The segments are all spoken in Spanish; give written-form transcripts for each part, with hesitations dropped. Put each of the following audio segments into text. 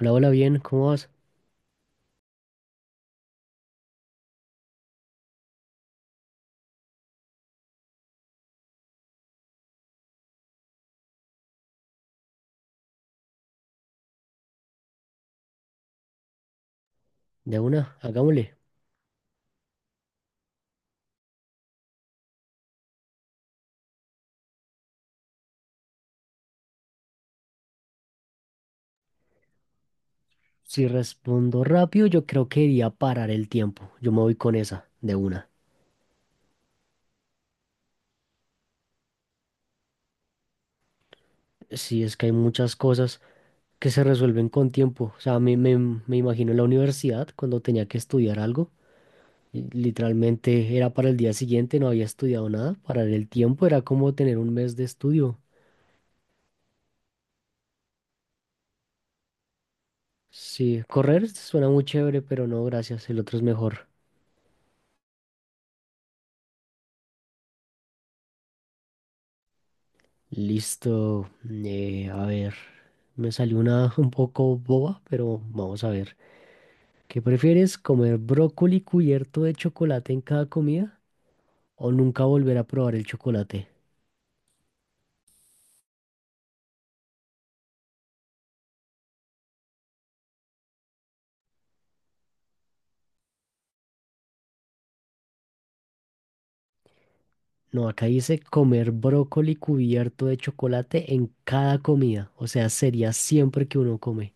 Hola, hola, bien, ¿cómo vas? De una, hagámosle. Si respondo rápido, yo creo que iría parar el tiempo. Yo me voy con esa, de una. Sí, es que hay muchas cosas que se resuelven con tiempo. O sea, me imagino en la universidad cuando tenía que estudiar algo. Y literalmente era para el día siguiente, no había estudiado nada. Parar el tiempo era como tener un mes de estudio. Sí, correr suena muy chévere, pero no, gracias, el otro es mejor. Listo. A ver, me salió una un poco boba, pero vamos a ver. ¿Qué prefieres, comer brócoli cubierto de chocolate en cada comida o nunca volver a probar el chocolate? No, acá dice comer brócoli cubierto de chocolate en cada comida. O sea, sería siempre que uno come.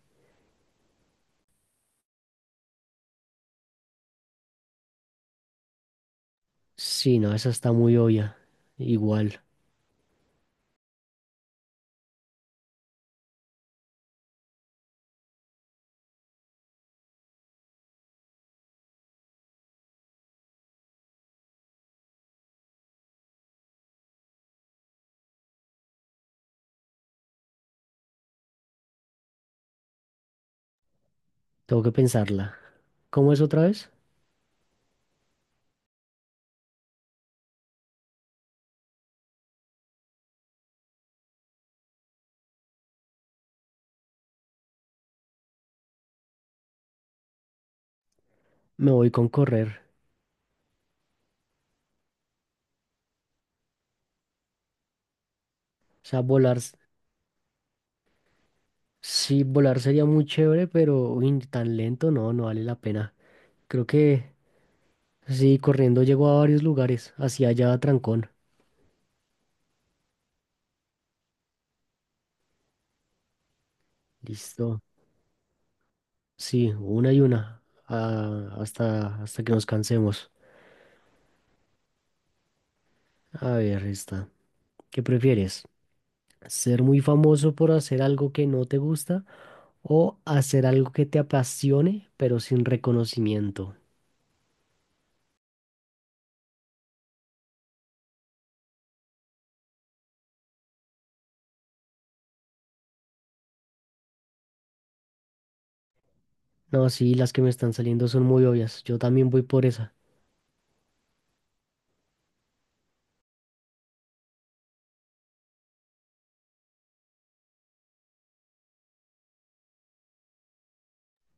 Sí, no, esa está muy obvia. Igual, tengo que pensarla. ¿Cómo es otra vez? Me voy con correr. O sea, volar. Sí, volar sería muy chévere, pero uy, tan lento no, no vale la pena. Creo que sí, corriendo llego a varios lugares, hacia allá a Trancón. Listo. Sí, una y una, ah, hasta que nos cansemos. A ver, esta. ¿Qué prefieres? ¿Ser muy famoso por hacer algo que no te gusta o hacer algo que te apasione, pero sin reconocimiento? No, sí, las que me están saliendo son muy obvias. Yo también voy por esa.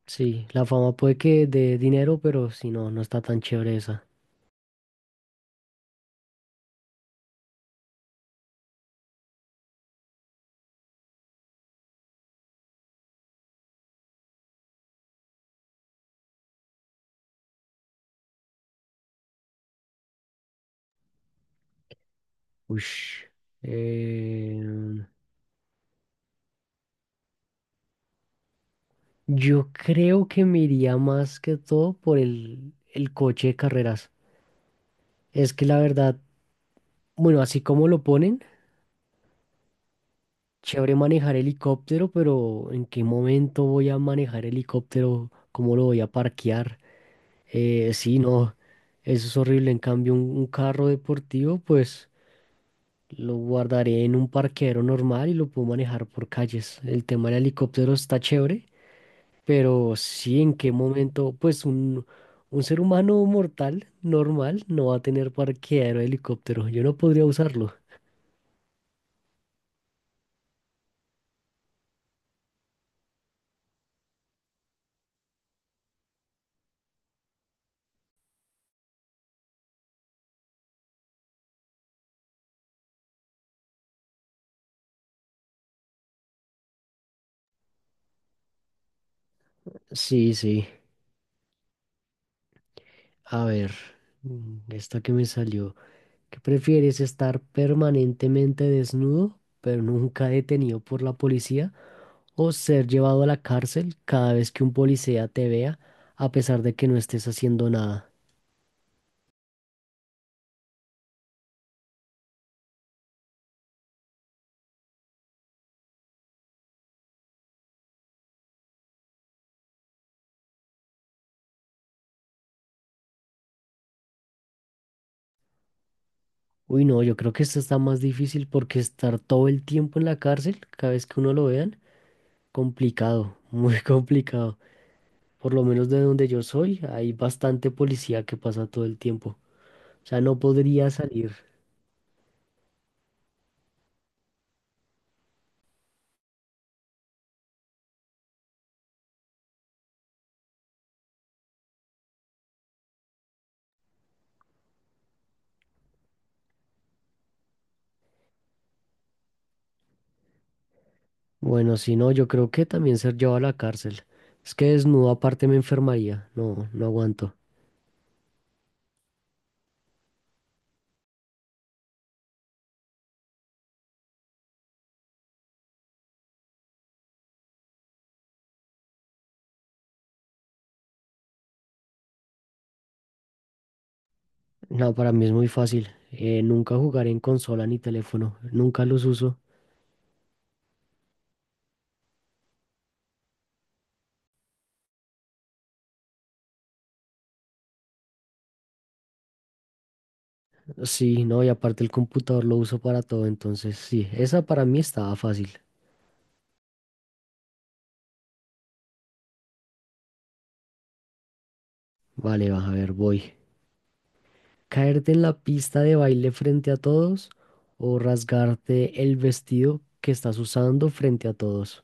Sí, la fama puede que dé dinero, pero si no, no está tan chévere esa. Ush. Eh, yo creo que me iría más que todo por el coche de carreras. Es que la verdad, bueno, así como lo ponen, chévere manejar helicóptero, pero ¿en qué momento voy a manejar helicóptero? ¿Cómo lo voy a parquear? Sí, no, eso es horrible. En cambio, un carro deportivo, pues. Lo guardaré en un parqueadero normal y lo puedo manejar por calles. El tema del helicóptero está chévere, pero sí, en qué momento, pues un ser humano mortal normal no va a tener parqueadero de helicóptero. Yo no podría usarlo. Sí, sí. A ver, esta que me salió. ¿Qué prefieres, estar permanentemente desnudo, pero nunca detenido por la policía, o ser llevado a la cárcel cada vez que un policía te vea, a pesar de que no estés haciendo nada? Uy, no, yo creo que esto está más difícil porque estar todo el tiempo en la cárcel, cada vez que uno lo vean, complicado, muy complicado. Por lo menos de donde yo soy, hay bastante policía que pasa todo el tiempo. O sea, no podría salir. Bueno, si no, yo creo que también ser llevado a la cárcel. Es que desnudo aparte me enfermaría. No, no aguanto. No, para mí es muy fácil. Nunca jugaré en consola ni teléfono. Nunca los uso. Sí, no, y aparte el computador lo uso para todo. Entonces, sí, esa para mí estaba fácil. Vale, vas a ver, voy. ¿Caerte en la pista de baile frente a todos o rasgarte el vestido que estás usando frente a todos?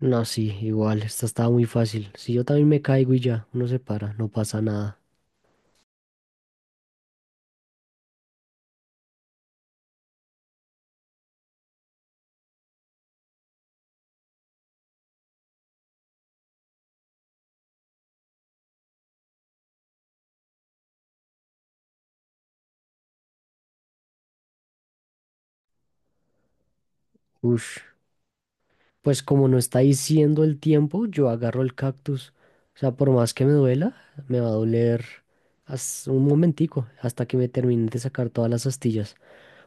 No, sí, igual, esta estaba muy fácil. Si yo también me caigo y ya, uno se para, no pasa nada. Ush, pues como no está diciendo el tiempo, yo agarro el cactus. O sea, por más que me duela, me va a doler hasta un momentico, hasta que me termine de sacar todas las astillas.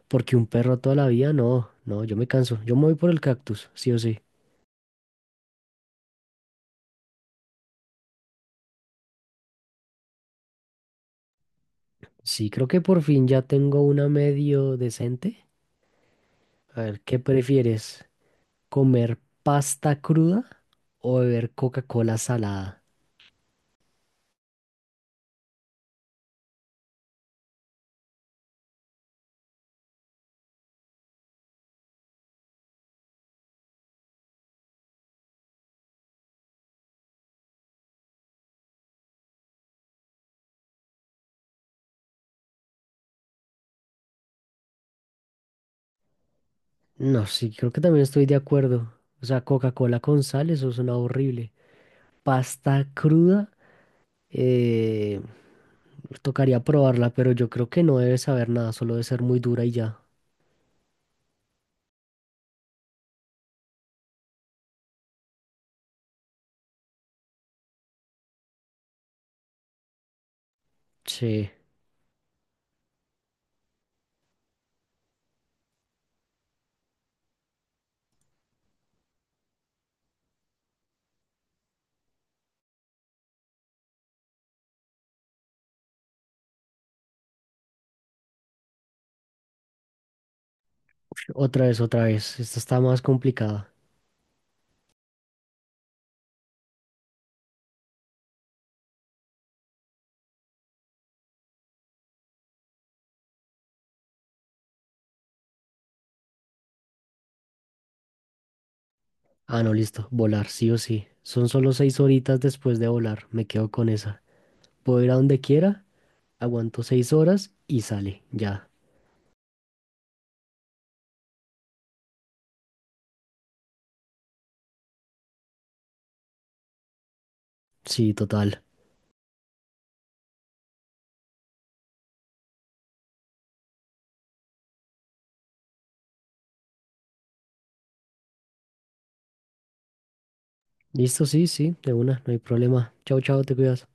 Porque un perro toda la vida, no, no, yo me canso. Yo me voy por el cactus, sí o sí. Sí, creo que por fin ya tengo una medio decente. A ver, ¿qué prefieres? ¿Comer pasta cruda o beber Coca-Cola salada? No, sí, creo que también estoy de acuerdo. O sea, Coca-Cola con sal, eso suena horrible. Pasta cruda, eh, tocaría probarla, pero yo creo que no debe saber nada, solo debe ser muy dura y ya. Sí, otra vez, otra vez. Esta está más complicada. Ah, no, listo. Volar, sí o sí. Son solo 6 horitas después de volar. Me quedo con esa. Puedo ir a donde quiera, aguanto 6 horas y sale. Ya. Sí, total. Listo, sí, sí, de una, no hay problema. Chao, chao, te cuidas.